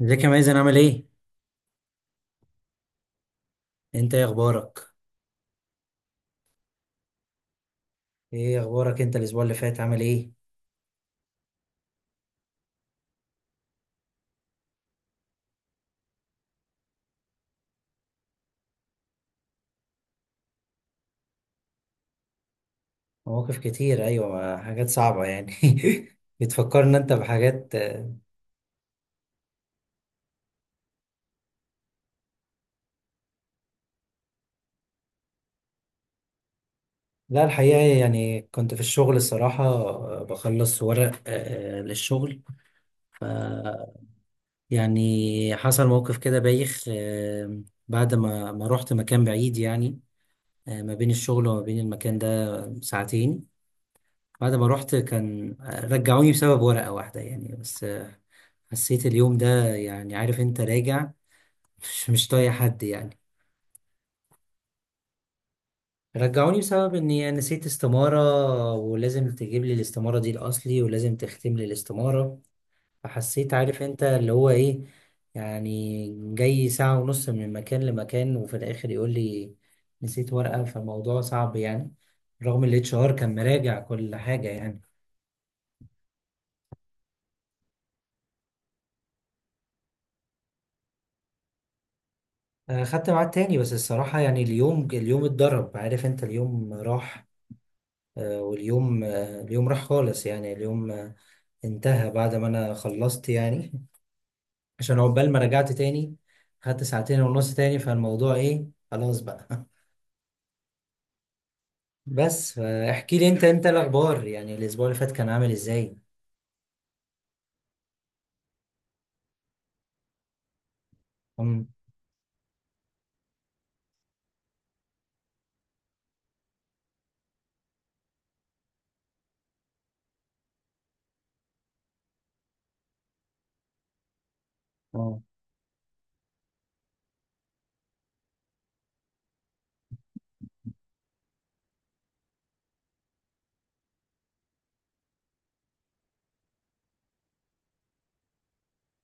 ازيك يا مازن عامل ايه؟ انت ايه اخبارك؟ ايه اخبارك انت الاسبوع اللي فات عامل ايه؟ مواقف كتير، ايوه، حاجات صعبة يعني. بتفكرنا انت بحاجات. لا الحقيقة يعني كنت في الشغل الصراحة بخلص ورق للشغل، ف يعني حصل موقف كده بايخ. بعد ما رحت مكان بعيد يعني، ما بين الشغل وما بين المكان ده ساعتين. بعد ما رحت كان، رجعوني بسبب ورقة واحدة يعني، بس حسيت اليوم ده يعني عارف انت راجع مش طايق حد يعني. رجعوني بسبب اني نسيت استمارة، ولازم تجيب لي الاستمارة دي الاصلي ولازم تختم لي الاستمارة. فحسيت عارف انت اللي هو ايه، يعني جاي ساعة ونص من مكان لمكان وفي الاخر يقول لي نسيت ورقة، فالموضوع صعب يعني، رغم ال HR كان مراجع كل حاجة يعني. خدت ميعاد تاني، بس الصراحة يعني اليوم اتضرب، عارف انت، اليوم راح، واليوم اليوم راح خالص يعني اليوم. انتهى بعد ما انا خلصت يعني. عشان عقبال ما رجعت تاني خدت ساعتين ونص تاني، فالموضوع ايه خلاص بقى. بس احكي لي انت، انت الاخبار يعني الاسبوع اللي فات كان عامل ازاي؟ امم اه.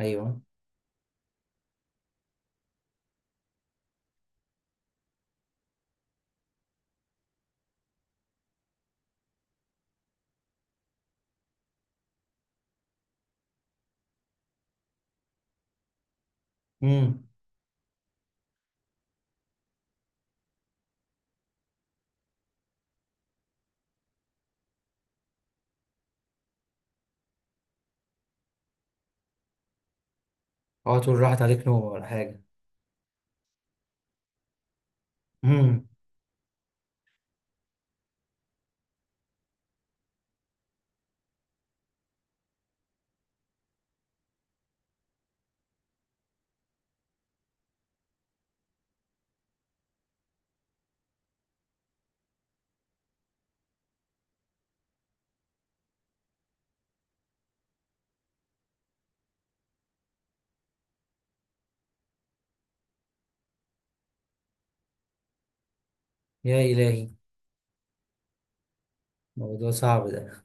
ايوه. امم. اوعى تقول راحت عليك نوم ولا حاجه. امم. يا الهي، موضوع صعب ده.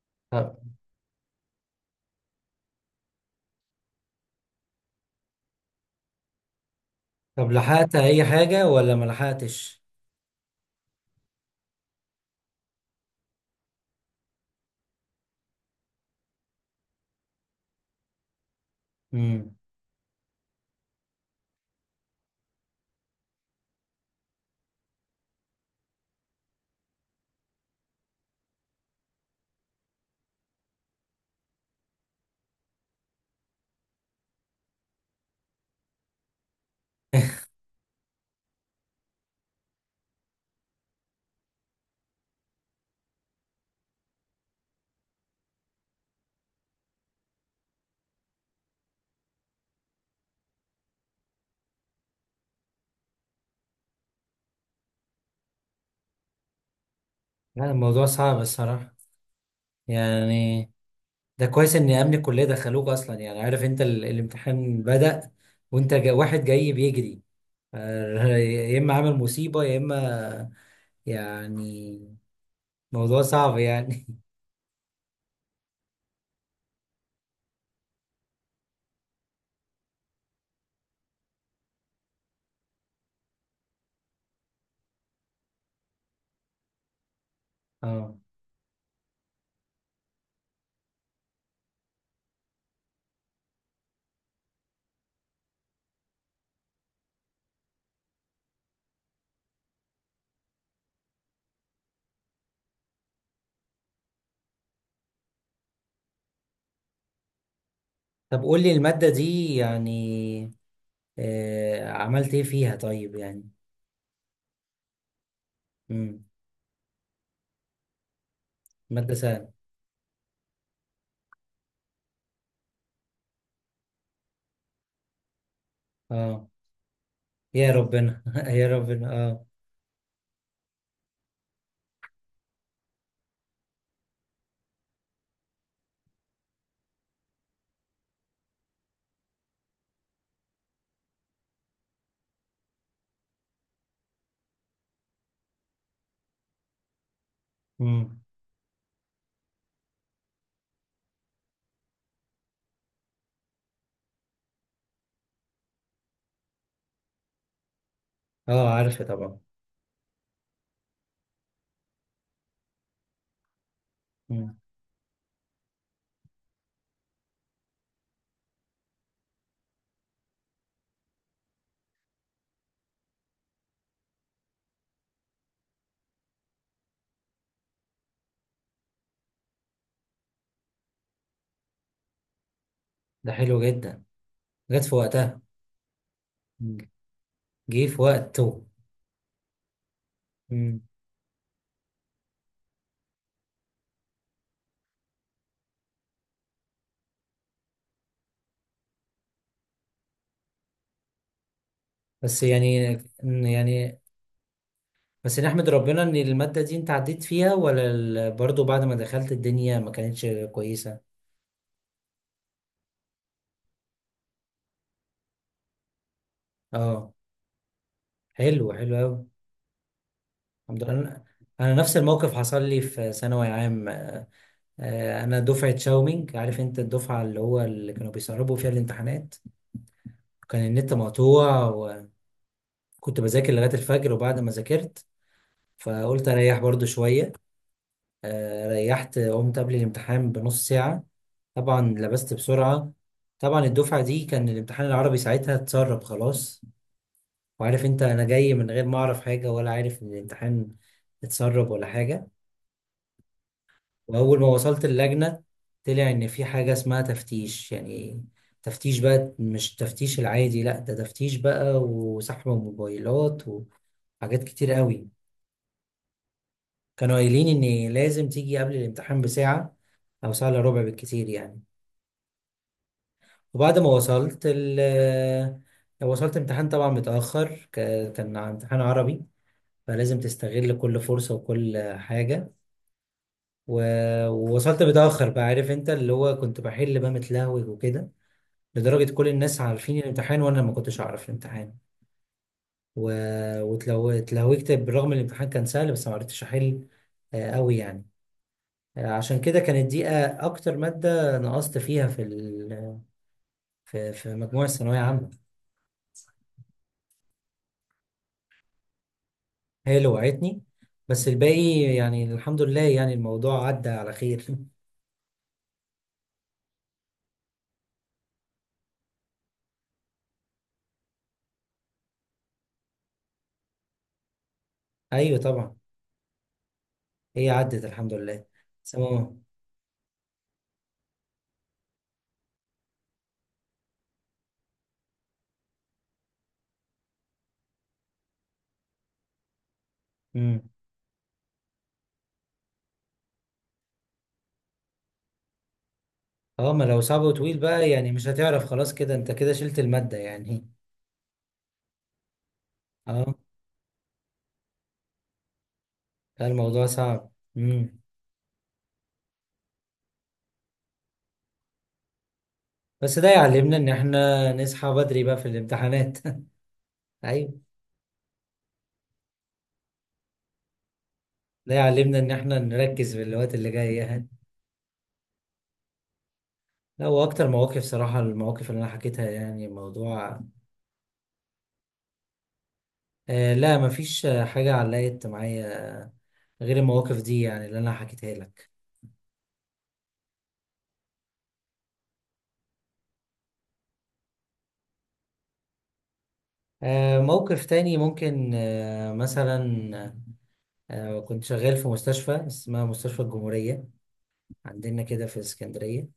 طب، طب لحقت اي حاجه ولا ما لحقتش؟ امم. لا الموضوع صعب الصراحه، يعني ده كويس ان امن الكليه دخلوك اصلا، يعني عارف انت ال الامتحان بدأ، وانت جا واحد جاي بيجري، يا اما عامل مصيبه يا اما، يعني موضوع صعب يعني. اه طب قول لي الماده دي يعني آه عملت ايه فيها طيب يعني. امم. ماده سهله. اه يا ربنا، يا ربنا اه. امم. اه عارفه طبعا. مم. ده حلو جدا، جت في وقتها. مم. جه في وقته. بس يعني إن- يعني بس نحمد ربنا ان المادة دي انت عديت فيها ولا ال برضو بعد ما دخلت الدنيا ما كانتش كويسة. اه حلو، حلو قوي. الحمد لله. انا أنا نفس الموقف حصل لي في ثانوي عام. انا دفعة شاومينج، عارف انت الدفعة اللي هو اللي كانوا بيسربوا فيها الامتحانات، كان النت مقطوع. وكنت بذاكر لغاية الفجر، وبعد ما ذاكرت فقلت اريح برضو شوية، ريحت قمت قبل الامتحان بنص ساعة. طبعا لبست بسرعة. طبعا الدفعة دي كان الامتحان العربي ساعتها اتسرب خلاص، وعارف انت انا جاي من غير ما اعرف حاجة ولا عارف ان الامتحان اتسرب ولا حاجة. واول ما وصلت اللجنة طلع ان في حاجة اسمها تفتيش يعني، تفتيش بقى مش التفتيش العادي، لا ده تفتيش بقى وسحب موبايلات وحاجات كتير قوي. كانوا قايلين ان لازم تيجي قبل الامتحان بساعة او ساعة الا ربع بالكتير يعني. وبعد ما وصلت ال وصلت امتحان طبعا متأخر، كان امتحان عربي، فلازم تستغل كل فرصة وكل حاجة. ووصلت متأخر بقى، عارف انت اللي هو كنت بحل بقى متلهوج وكده. لدرجة كل الناس عارفين الامتحان وانا ما كنتش اعرف الامتحان، و... اتلهوجت بالرغم ان الامتحان كان سهل، بس ما عرفتش احل قوي يعني. عشان كده كانت دي اكتر مادة نقصت فيها في ال في في مجموع الثانوية عامة، هي اللي وقعتني. بس الباقي يعني الحمد لله، يعني الموضوع عدى على خير. ايوه طبعا، هي عدت الحمد لله. تمام. امم. اه ما لو صعب وطويل بقى يعني مش هتعرف خلاص، كده انت كده شلت المادة يعني. اه لا الموضوع صعب. امم. بس ده يعلمنا ان احنا نصحى بدري بقى في الامتحانات. ايوه ده يعلمنا ان احنا نركز في الوقت اللي جاي يعني. لا واكتر مواقف صراحة، المواقف اللي انا حكيتها يعني الموضوع. آه لا مفيش حاجة علقت معايا غير المواقف دي يعني اللي انا حكيتها لك. موقف تاني ممكن، مثلا كنت شغال في مستشفى اسمها مستشفى الجمهورية عندنا كده في اسكندرية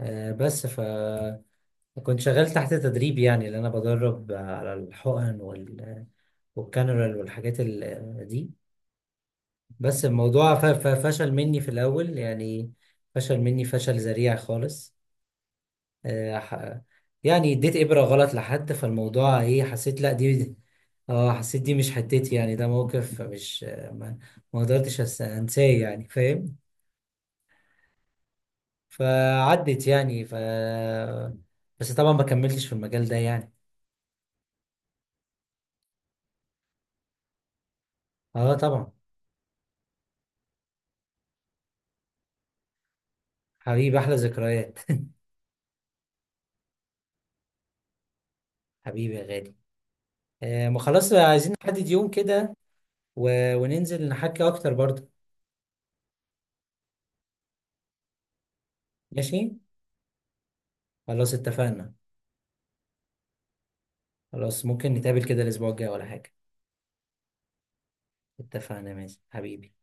آه، بس فكنت شغال تحت تدريب، يعني اللي انا بدرب على الحقن وال والكانرال والحاجات دي. بس الموضوع فشل مني في الأول يعني، فشل مني فشل ذريع خالص. آه، ح- يعني اديت إبرة غلط لحد، فالموضوع ايه، حسيت لا دي، اه حسيت دي مش حتتي يعني، ده موقف مش ما قدرتش انساه يعني، فاهم. فعدت يعني ف بس طبعا ما كملتش في المجال ده يعني. اه طبعا. حبيبي احلى ذكريات. حبيبي يا غالي. آه ما خلاص عايزين نحدد يوم كده وننزل نحكي اكتر برضه. ماشي خلاص اتفقنا. خلاص ممكن نتقابل كده الاسبوع الجاي ولا حاجة. اتفقنا ماشي حبيبي.